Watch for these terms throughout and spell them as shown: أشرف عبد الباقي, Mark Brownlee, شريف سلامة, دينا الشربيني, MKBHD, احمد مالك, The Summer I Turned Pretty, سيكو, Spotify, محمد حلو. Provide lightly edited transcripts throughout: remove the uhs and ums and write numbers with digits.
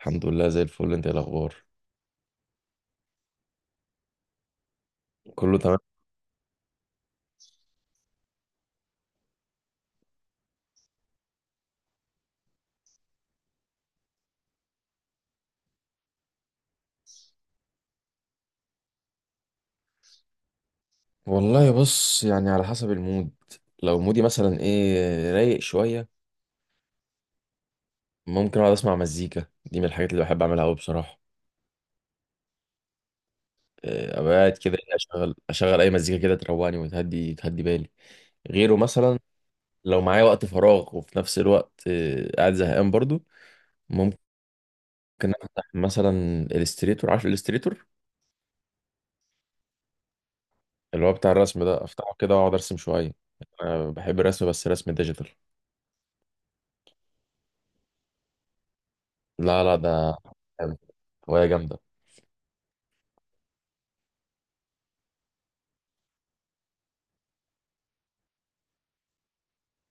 الحمد لله، زي الفل. انت ايه الاخبار؟ كله تمام. والله بص، يعني على حسب المود. لو مودي مثلا ايه، رايق شويه، ممكن اقعد اسمع مزيكا. دي من الحاجات اللي بحب اعملها قوي بصراحه. إيه، ابقى قاعد كده إيه، اشغل اشغل اي مزيكا كده تروقني وتهدي تهدي بالي. غيره مثلا لو معايا وقت فراغ وفي نفس الوقت إيه، قاعد زهقان برضو، ممكن افتح مثلا الستريتور. عارف الستريتور؟ اللي هو بتاع الرسم ده، افتحه كده واقعد ارسم شويه. انا بحب الرسم بس رسم ديجيتال. لا لا، ده هواية جامدة.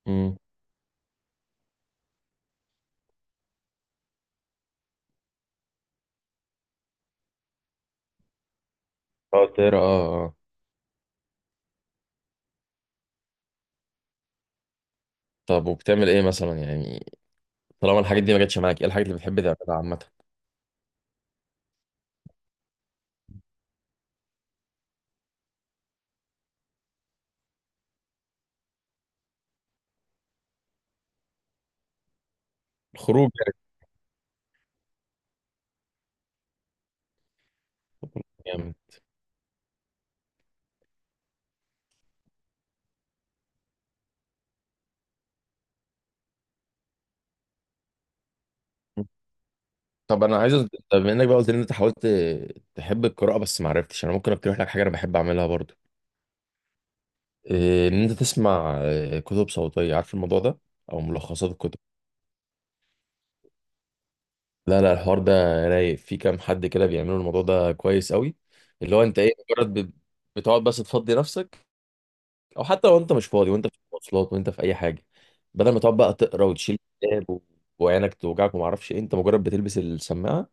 امم. اه، تقرا، اه اه. طب وبتعمل ايه مثلا يعني؟ طالما الحاجات دي ما جاتش معاك، ايه الحاجات اللي بتحب تعملها عامة؟ الخروج يعني. يعني. طب انا عايز أز- طب بما انك بقى قلت لي ان انت حاولت تحب القراءة بس ما عرفتش، انا ممكن اقترح لك حاجة انا بحب اعملها برضو. إيه، ان انت تسمع كتب صوتية. عارف الموضوع ده؟ او ملخصات الكتب. لا لا، الحوار ده رايق. في كام حد كده بيعملوا الموضوع ده كويس قوي. اللي هو انت ايه مجرد بتقعد بس تفضي نفسك. او حتى لو انت مش فاضي، وانت في المواصلات وانت في اي حاجه، بدل ما تقعد بقى تقرا وتشيل كتاب وعينك توجعك وما اعرفش ايه، انت مجرد بتلبس السماعه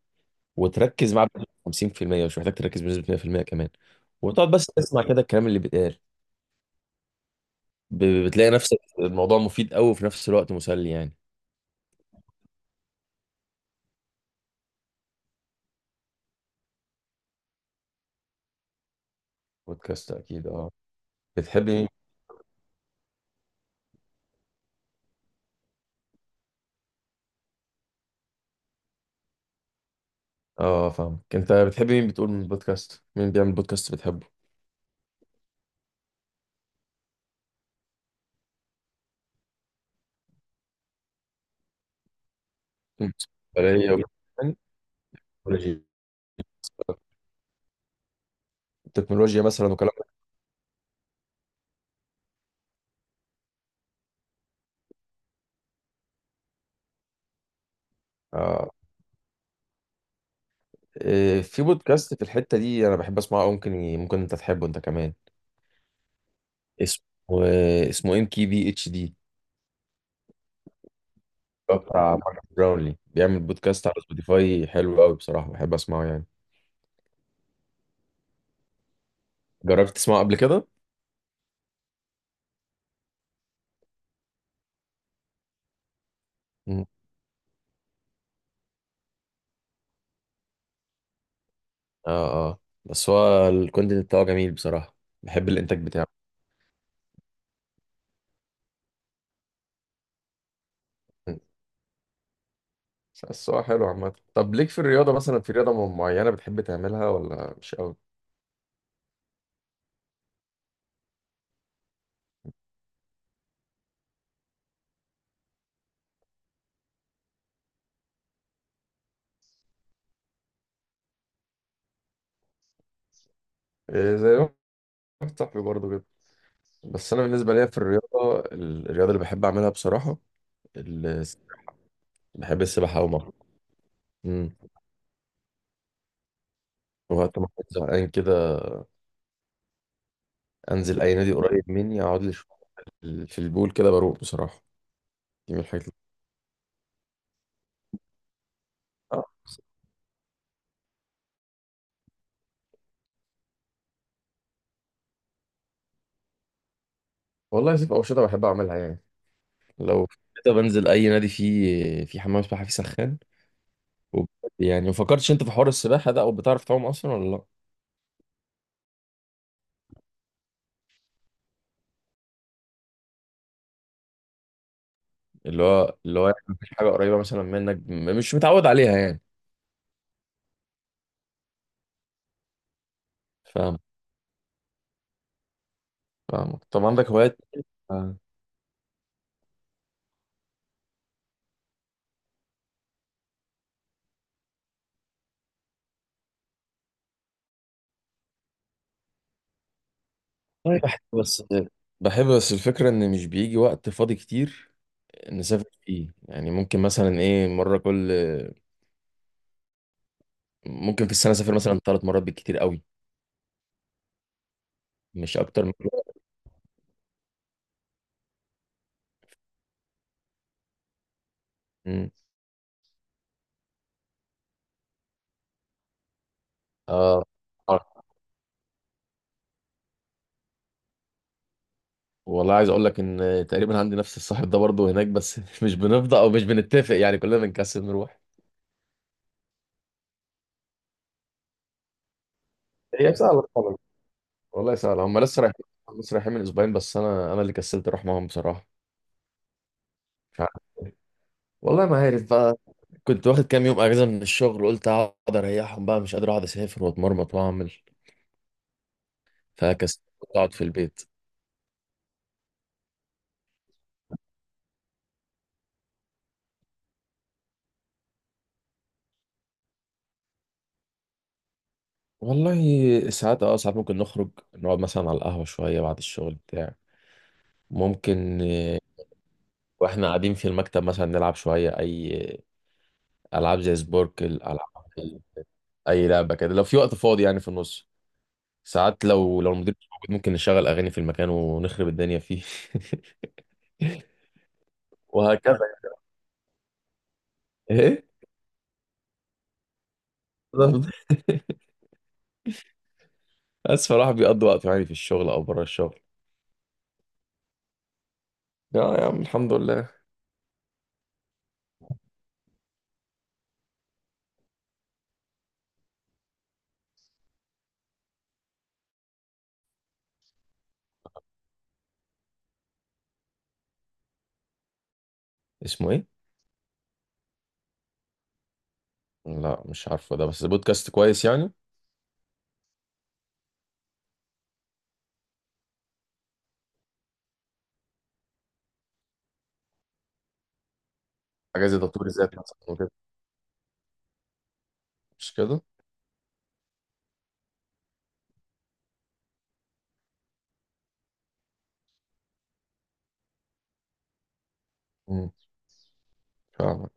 وتركز معاه بنسبة 50%، مش محتاج تركز بنسبه 100% كمان. وتقعد بس تسمع كده الكلام اللي بيتقال. بتلاقي نفسك الموضوع مفيد قوي وفي نفس الوقت مسلي يعني. بودكاست اكيد، اه. بتحبي مين؟ اه، فاهمك. انت بتحبي مين بتقول من البودكاست؟ مين بيعمل بودكاست بتحبه؟ تكنولوجيا. تكنولوجيا مثلا، وكلام. في بودكاست في الحتة دي انا بحب اسمعه أوي، ممكن ممكن انت تحبه انت كمان. اسمه اسمه MKBHD. بتاع مارك براونلي. بيعمل بودكاست على سبوتيفاي حلو قوي بصراحة، بحب اسمعه يعني. جربت تسمعه قبل كده؟ مم. اه اه، بس هو الكونتنت بتاعه جميل بصراحة. بحب الانتاج بتاعه. مم. بس هو حلو عامة. طب ليك في الرياضة مثلا، في رياضة معينة بتحب تعملها ولا مش قوي؟ إيه، زي ما واحد صاحبي برضه كده. بس انا بالنسبة ليا في الرياضة اللي بحب اعملها بصراحة، بحب السباحة أوي مرة. امم. وقت ما كنت زهقان كده، أنزل أي نادي قريب مني أقعد لي شوية في البول كده، بروق بصراحة. دي من الحاجات اللي آه، والله في أنشطة بحب أعملها يعني. لو كده بنزل أي نادي فيه في حمام سباحة فيه سخان وب- يعني ما فكرتش أنت في حوار السباحة ده؟ أو بتعرف تعوم أصلا ولا لأ؟ اللي هو يعني مفيش حاجة قريبة مثلا منك، مش متعود عليها يعني؟ فاهم فاهم. طب عندك هوايات؟ آه. طيب بحب بس الفكرة إن مش بيجي وقت فاضي كتير نسافر فيه يعني. ممكن مثلا ايه مرة كل ممكن في السنة اسافر مثلا 3 مرات بالكتير قوي، مش اكتر من كده. مم. اه. آه. والله عايز اقول لك ان تقريبا عندي نفس الصاحب ده برضه هناك، بس مش بنفضى او مش بنتفق يعني، كلنا بنكسل نروح. هي سهلة طبعا. والله سهلة. هم لسه رايحين من اسبوعين، بس انا اللي كسلت اروح معاهم بصراحة. مش عارف. والله ما عارف بقى. كنت واخد كام يوم اجازة من الشغل، قلت اقعد اريحهم بقى. مش قادر اقعد اسافر واتمرمط واعمل، فكسلت اقعد في البيت. والله ساعات، اه، ساعات ممكن نخرج نقعد مثلا على القهوة شوية بعد الشغل بتاع. ممكن واحنا قاعدين في المكتب مثلا نلعب شوية أي ألعاب زي سبوركل. ألعاب، أي لعبة كده لو في وقت فاضي يعني في النص. ساعات لو المدير مش موجود، ممكن نشغل أغاني في المكان ونخرب الدنيا فيه. وهكذا. إيه؟ بالظبط. بس فالواحد بيقضي وقته يعني في الشغل أو بره الشغل. يا عم، الحمد لله. اسمه إيه؟ لا مش عارفه ده، بس بودكاست كويس يعني؟ حاجة زي تطوير الذات مثلا، مش كده؟ مم، فاهمك.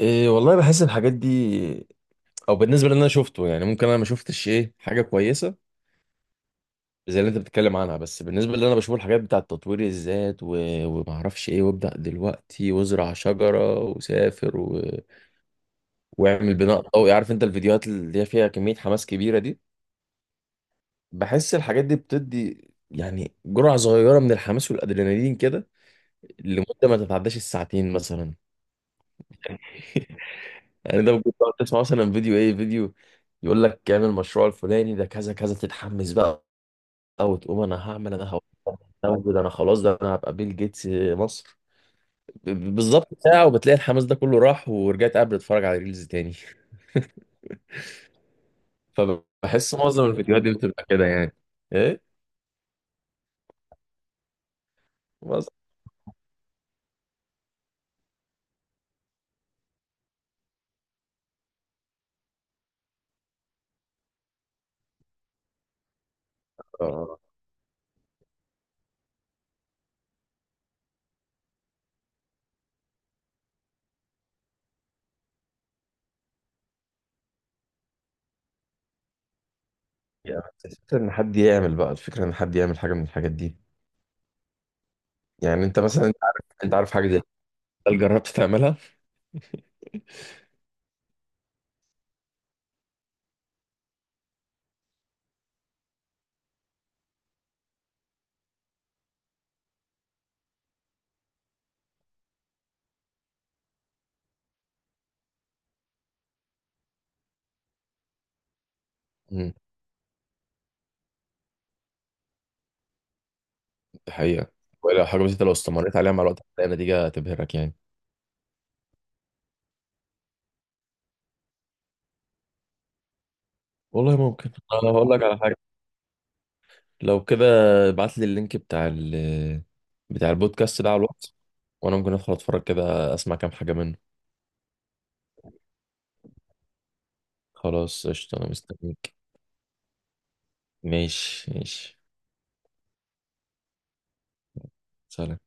إيه، والله بحس الحاجات دي، او بالنسبه للي انا شفته يعني، ممكن انا ما شفتش ايه حاجه كويسه زي اللي انت بتتكلم عنها، بس بالنسبه للي انا بشوف، الحاجات بتاعه تطوير الذات و وما اعرفش ايه، وابدا دلوقتي وازرع شجره وسافر و واعمل بناء ضوئي. عارف انت الفيديوهات اللي هي فيها كميه حماس كبيره دي؟ بحس الحاجات دي بتدي يعني جرعه صغيره من الحماس والادرينالين كده، لمده ما تتعداش الساعتين مثلا. يعني ده ممكن تقعد تسمع مثلا فيديو، ايه فيديو يقول لك اعمل المشروع الفلاني ده كذا كذا، تتحمس بقى وتقوم، انا هعمل، انا هقوم، ده انا خلاص، ده انا هبقى بيل جيتس مصر. بالظبط، ساعة وبتلاقي الحماس ده كله راح، ورجعت قبل اتفرج على ريلز تاني. فبحس معظم الفيديوهات دي بتبقى كده يعني. ايه معظم آه. يعني الفكرة ان حد يعمل حاجة من الحاجات دي. يعني انت مثلا، انت عارف حاجة زي كده، هل جربت تعملها؟ مم. دي حقيقة، ولا حاجة بسيطة لو استمريت عليها مع الوقت هتلاقي نتيجة تبهرك يعني. والله ممكن أنا هقول لك على حاجة. لو كده، ابعت لي اللينك بتاع البودكاست ده على الواتس، وأنا ممكن أدخل أتفرج كده أسمع كام حاجة منه. خلاص قشطة، أنا مستنيك. ماشي ماشي. سلام.